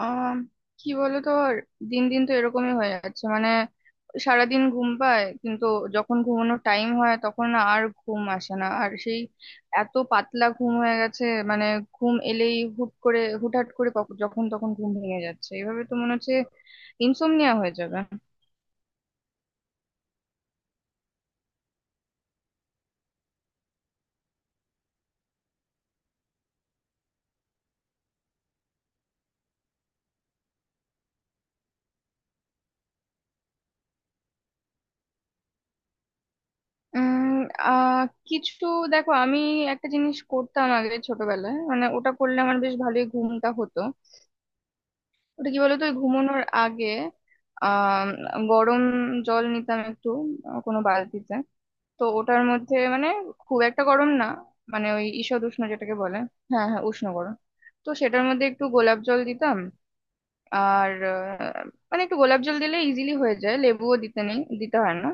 আহ কি বলতো, দিন দিন তো এরকমই হয়ে যাচ্ছে। মানে সারাদিন ঘুম পায়, কিন্তু যখন ঘুমানোর টাইম হয় তখন না আর ঘুম আসে না, আর সেই এত পাতলা ঘুম হয়ে গেছে। মানে ঘুম এলেই হুট করে হুটহাট করে যখন তখন ঘুম ভেঙে যাচ্ছে। এভাবে তো মনে হচ্ছে ইনসোমনিয়া হয়ে যাবে। উম আহ কিছু দেখো, আমি একটা জিনিস করতাম আগে ছোটবেলায়, মানে ওটা করলে আমার বেশ ভালোই ঘুমটা হতো। ওটা কি বলতো, ওই ঘুমানোর আগে আহ গরম জল নিতাম একটু, কোনো বালতিতে। তো ওটার মধ্যে মানে খুব একটা গরম না, মানে ওই ঈষৎ উষ্ণ যেটাকে বলে। হ্যাঁ, হ্যাঁ, উষ্ণ গরম। তো সেটার মধ্যে একটু গোলাপ জল দিতাম। আর মানে একটু গোলাপ জল দিলে ইজিলি হয়ে যায়, লেবুও দিতে নেই, দিতে হয় না।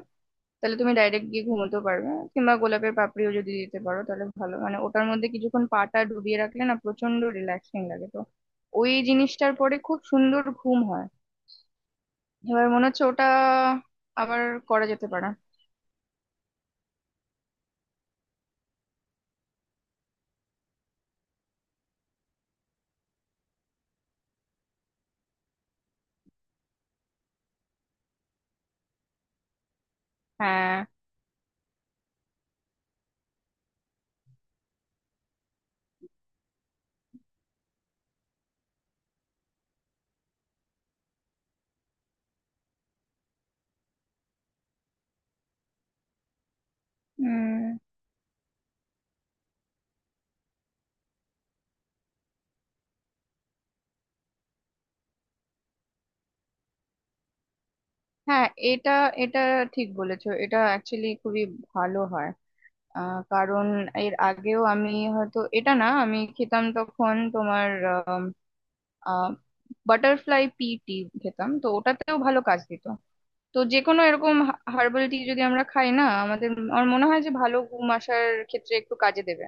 তাহলে তুমি ডাইরেক্ট গিয়ে ঘুমোতে পারবে। কিংবা গোলাপের পাপড়িও যদি দিতে পারো তাহলে ভালো, মানে ওটার মধ্যে কিছুক্ষণ পাটা ডুবিয়ে রাখলে না প্রচন্ড রিল্যাক্সিং লাগে, তো ওই জিনিসটার পরে খুব সুন্দর ঘুম হয়। এবার মনে হচ্ছে ওটা আবার করা যেতে পারে। হ্যাঁ। উম হ্যাঁ, এটা এটা ঠিক বলেছো, এটা অ্যাকচুয়ালি খুবই ভালো হয়। কারণ এর আগেও আমি, হয়তো এটা না, আমি খেতাম তখন তোমার বাটারফ্লাই পি টি, খেতাম তো ওটাতেও ভালো কাজ দিত। তো যে কোনো এরকম হার্বাল টি যদি আমরা খাই না আমাদের, আমার মনে হয় যে ভালো ঘুম আসার ক্ষেত্রে একটু কাজে দেবে।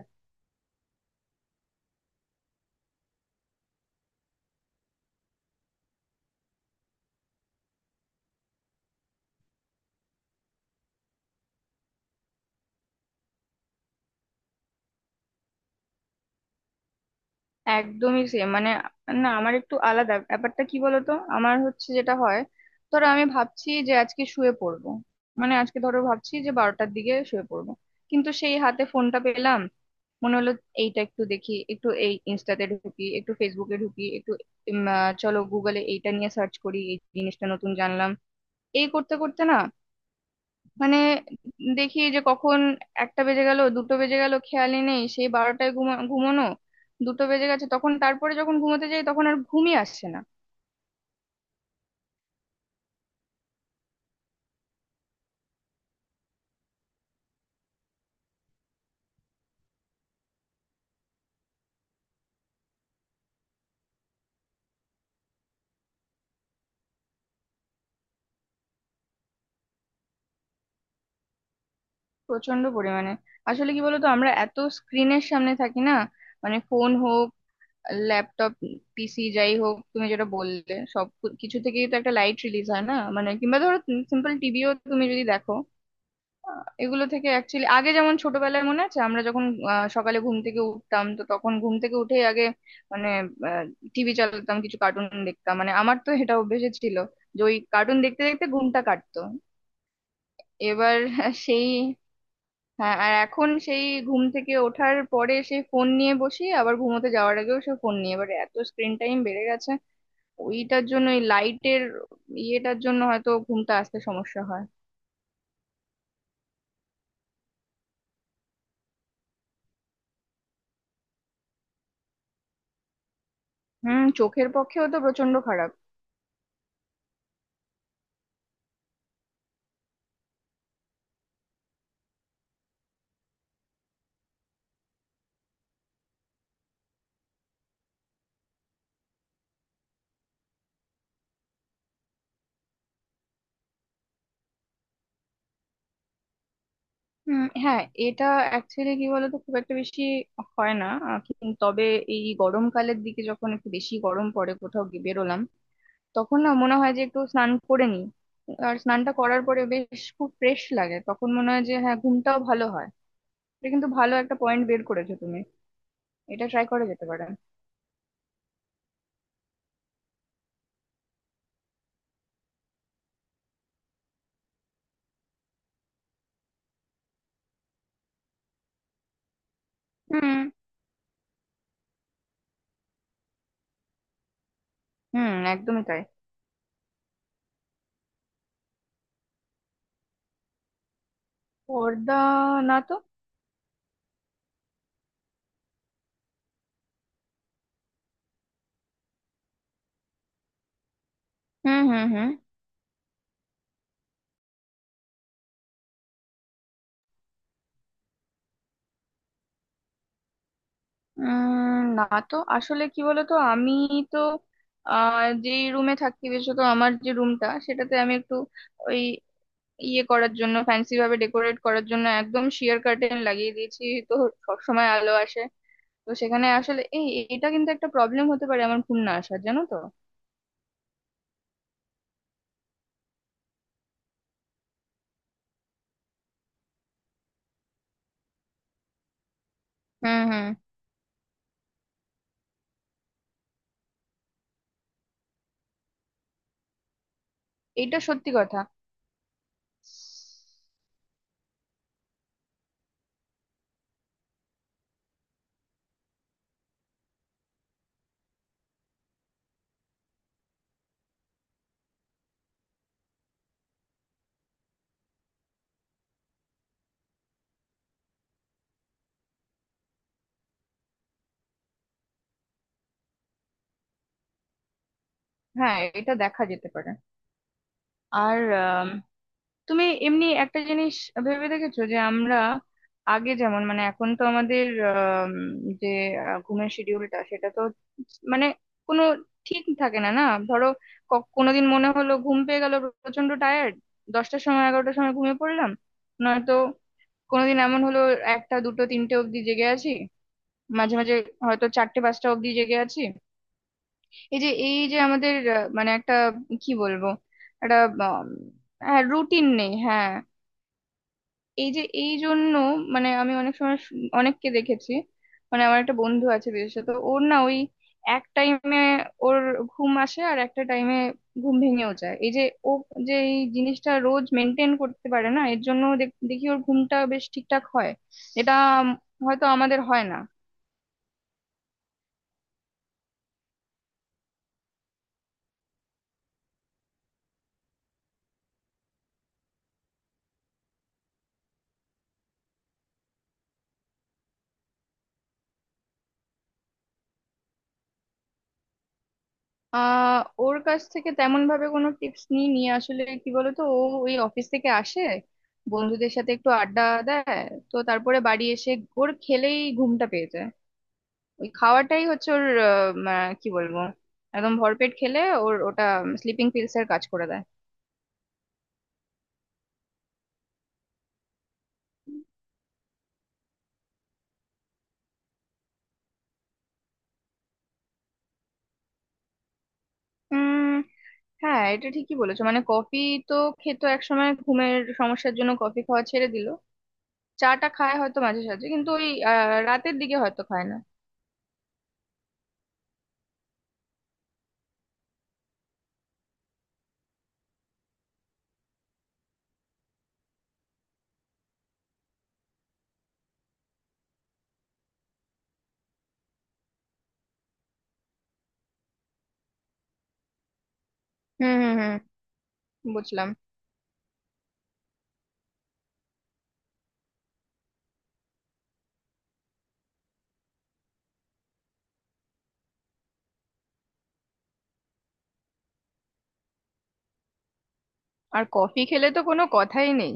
একদমই সেম। মানে না, আমার একটু আলাদা ব্যাপারটা, কি বলতো, আমার হচ্ছে যেটা হয়, ধরো আমি ভাবছি যে আজকে শুয়ে পড়বো, মানে আজকে ধরো ভাবছি যে 12টার দিকে শুয়ে পড়বো। কিন্তু সেই হাতে ফোনটা পেলাম, মনে হলো এইটা একটু দেখি, একটু এই ইনস্টাতে ঢুকি, একটু ফেসবুকে ঢুকি, একটু চলো গুগলে এইটা নিয়ে সার্চ করি, এই জিনিসটা নতুন জানলাম। এই করতে করতে না, মানে দেখি যে কখন 1টা বেজে গেল, 2টো বেজে গেল, খেয়ালই নেই। সেই 12টায় ঘুমোনো, 2টো বেজে গেছে তখন। তারপরে যখন ঘুমোতে যাই তখন আর ঘুমই আসছে না। প্রচন্ড পরিমাণে। আসলে কি বলতো, আমরা এত স্ক্রিনের সামনে থাকি না, মানে ফোন হোক, ল্যাপটপ, পিসি, যাই হোক, তুমি যেটা বললে সব কিছু থেকেই তো একটা লাইট রিলিজ হয় না, মানে কিংবা ধরো সিম্পল টিভিও তুমি যদি দেখো, এগুলো থেকে অ্যাকচুয়ালি। আগে যেমন ছোটবেলায় মনে আছে, আমরা যখন সকালে ঘুম থেকে উঠতাম, তো তখন ঘুম থেকে উঠেই আগে মানে টিভি চালাতাম, কিছু কার্টুন দেখতাম, মানে আমার তো এটা অভ্যেস ছিল যে ওই কার্টুন দেখতে দেখতে ঘুমটা কাটতো। এবার সেই, হ্যাঁ, আর এখন সেই ঘুম থেকে ওঠার পরে সেই ফোন নিয়ে বসি, আবার ঘুমোতে যাওয়ার আগেও সেই ফোন নিয়ে। এবার এত স্ক্রিন টাইম বেড়ে গেছে, ওইটার জন্য ওই লাইটের ইয়েটার জন্য হয়তো ঘুমটা আসতে সমস্যা হয়। চোখের পক্ষেও তো প্রচন্ড খারাপ। হ্যাঁ, এটা অ্যাকচুয়ালি কি বলতো খুব একটা বেশি হয় না, কিন্তু তবে এই গরমকালের দিকে যখন একটু বেশি গরম পড়ে, কোথাও গিয়ে বেরোলাম, তখন না মনে হয় যে একটু স্নান করে নিই। আর স্নানটা করার পরে বেশ খুব ফ্রেশ লাগে, তখন মনে হয় যে হ্যাঁ, ঘুমটাও ভালো হয়। এটা কিন্তু ভালো একটা পয়েন্ট বের করেছো তুমি। এটা ট্রাই করা যেতে পারে। হুম, হুম, একদমই তাই। পর্দা? না তো। হুম, হুম, হুম। না তো, আসলে কি বলতো, আমি তো যে রুমে থাকি, বিশেষত আমার যে রুমটা সেটাতে আমি একটু ওই ইয়ে করার জন্য, ফ্যান্সি ভাবে ডেকোরেট করার জন্য একদম শিয়ার কার্টেন লাগিয়ে দিয়েছি। তো সবসময় আলো আসে, তো সেখানে আসলে এই, এটা কিন্তু একটা প্রবলেম হতে পারে আমার ঘুম না আসার, জানো তো। হুম, হুম, এটা সত্যি কথা। হ্যাঁ এটা দেখা যেতে পারে। আর তুমি এমনি একটা জিনিস ভেবে দেখেছো যে আমরা আগে যেমন, মানে এখন তো আমাদের যে ঘুমের শিডিউলটা সেটা তো মানে কোনো ঠিক থাকে না না। ধরো কোনোদিন মনে হলো ঘুম পেয়ে গেল, প্রচন্ড টায়ার্ড, 10টার সময়, 11টার সময় ঘুমিয়ে পড়লাম। নয়তো কোনোদিন এমন হলো 1টা 2টো 3টে অবধি জেগে আছি, মাঝে মাঝে হয়তো 4টে 5টা অবধি জেগে আছি। এই যে, এই যে আমাদের মানে একটা কি বলবো, একটা রুটিন নেই, হ্যাঁ। এই যে এই জন্য, মানে আমি অনেক সময় অনেককে দেখেছি, মানে আমার একটা বন্ধু আছে, বিশেষত ওর না, ওই এক টাইমে ওর ঘুম আসে আর একটা টাইমে ঘুম ভেঙেও যায়। এই যে ও, যে এই জিনিসটা রোজ মেনটেন করতে পারে না, এর জন্য দেখি ওর ঘুমটা বেশ ঠিকঠাক হয়। যেটা উম, হয়তো আমাদের হয় না। আহ ওর কাছ থেকে তেমন ভাবে কোনো টিপস নিই, নিয়ে আসলে কি বলতো, ও ওই অফিস থেকে আসে, বন্ধুদের সাথে একটু আড্ডা দেয়, তো তারপরে বাড়ি এসে ঘোর খেলেই ঘুমটা পেয়ে যায়। ওই খাওয়াটাই হচ্ছে ওর কি বলবো, একদম ভরপেট খেলে ওর ওটা স্লিপিং পিলস এর কাজ করে দেয়। উম হ্যাঁ, এটা ঠিকই বলেছো, মানে কফি তো খেতো একসময়, ঘুমের সমস্যার জন্য কফি খাওয়া ছেড়ে দিল। চাটা খায় হয়তো মাঝে সাঝে, কিন্তু ওই রাতের দিকে হয়তো খায় না। হুম, হুম, হুম, বুঝলাম। আর কফি খেলে তো কোনো কথাই নেই।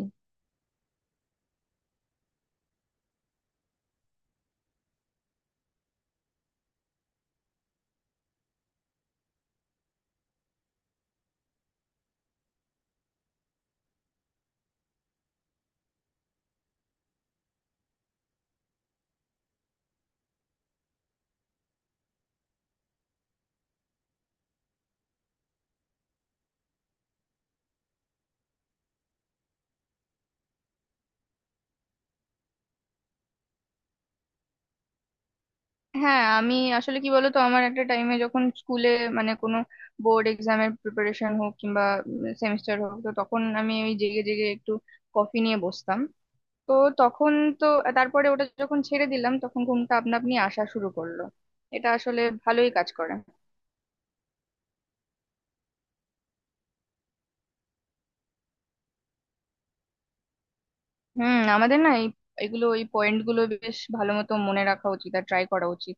হ্যাঁ, আমি আসলে কি বলতো, আমার একটা টাইমে যখন স্কুলে, মানে কোনো বোর্ড এক্সামের প্রিপারেশন হোক কিংবা সেমিস্টার হোক, তো তখন আমি ওই জেগে জেগে একটু কফি নিয়ে বসতাম। তো তখন, তো তারপরে ওটা যখন ছেড়ে দিলাম তখন ঘুমটা আপনা আপনি আসা শুরু করলো। এটা আসলে ভালোই কাজ করে। হুম, আমাদের না এই এগুলো, এই পয়েন্ট গুলো বেশ ভালো মতো মনে রাখা উচিত আর ট্রাই করা উচিত।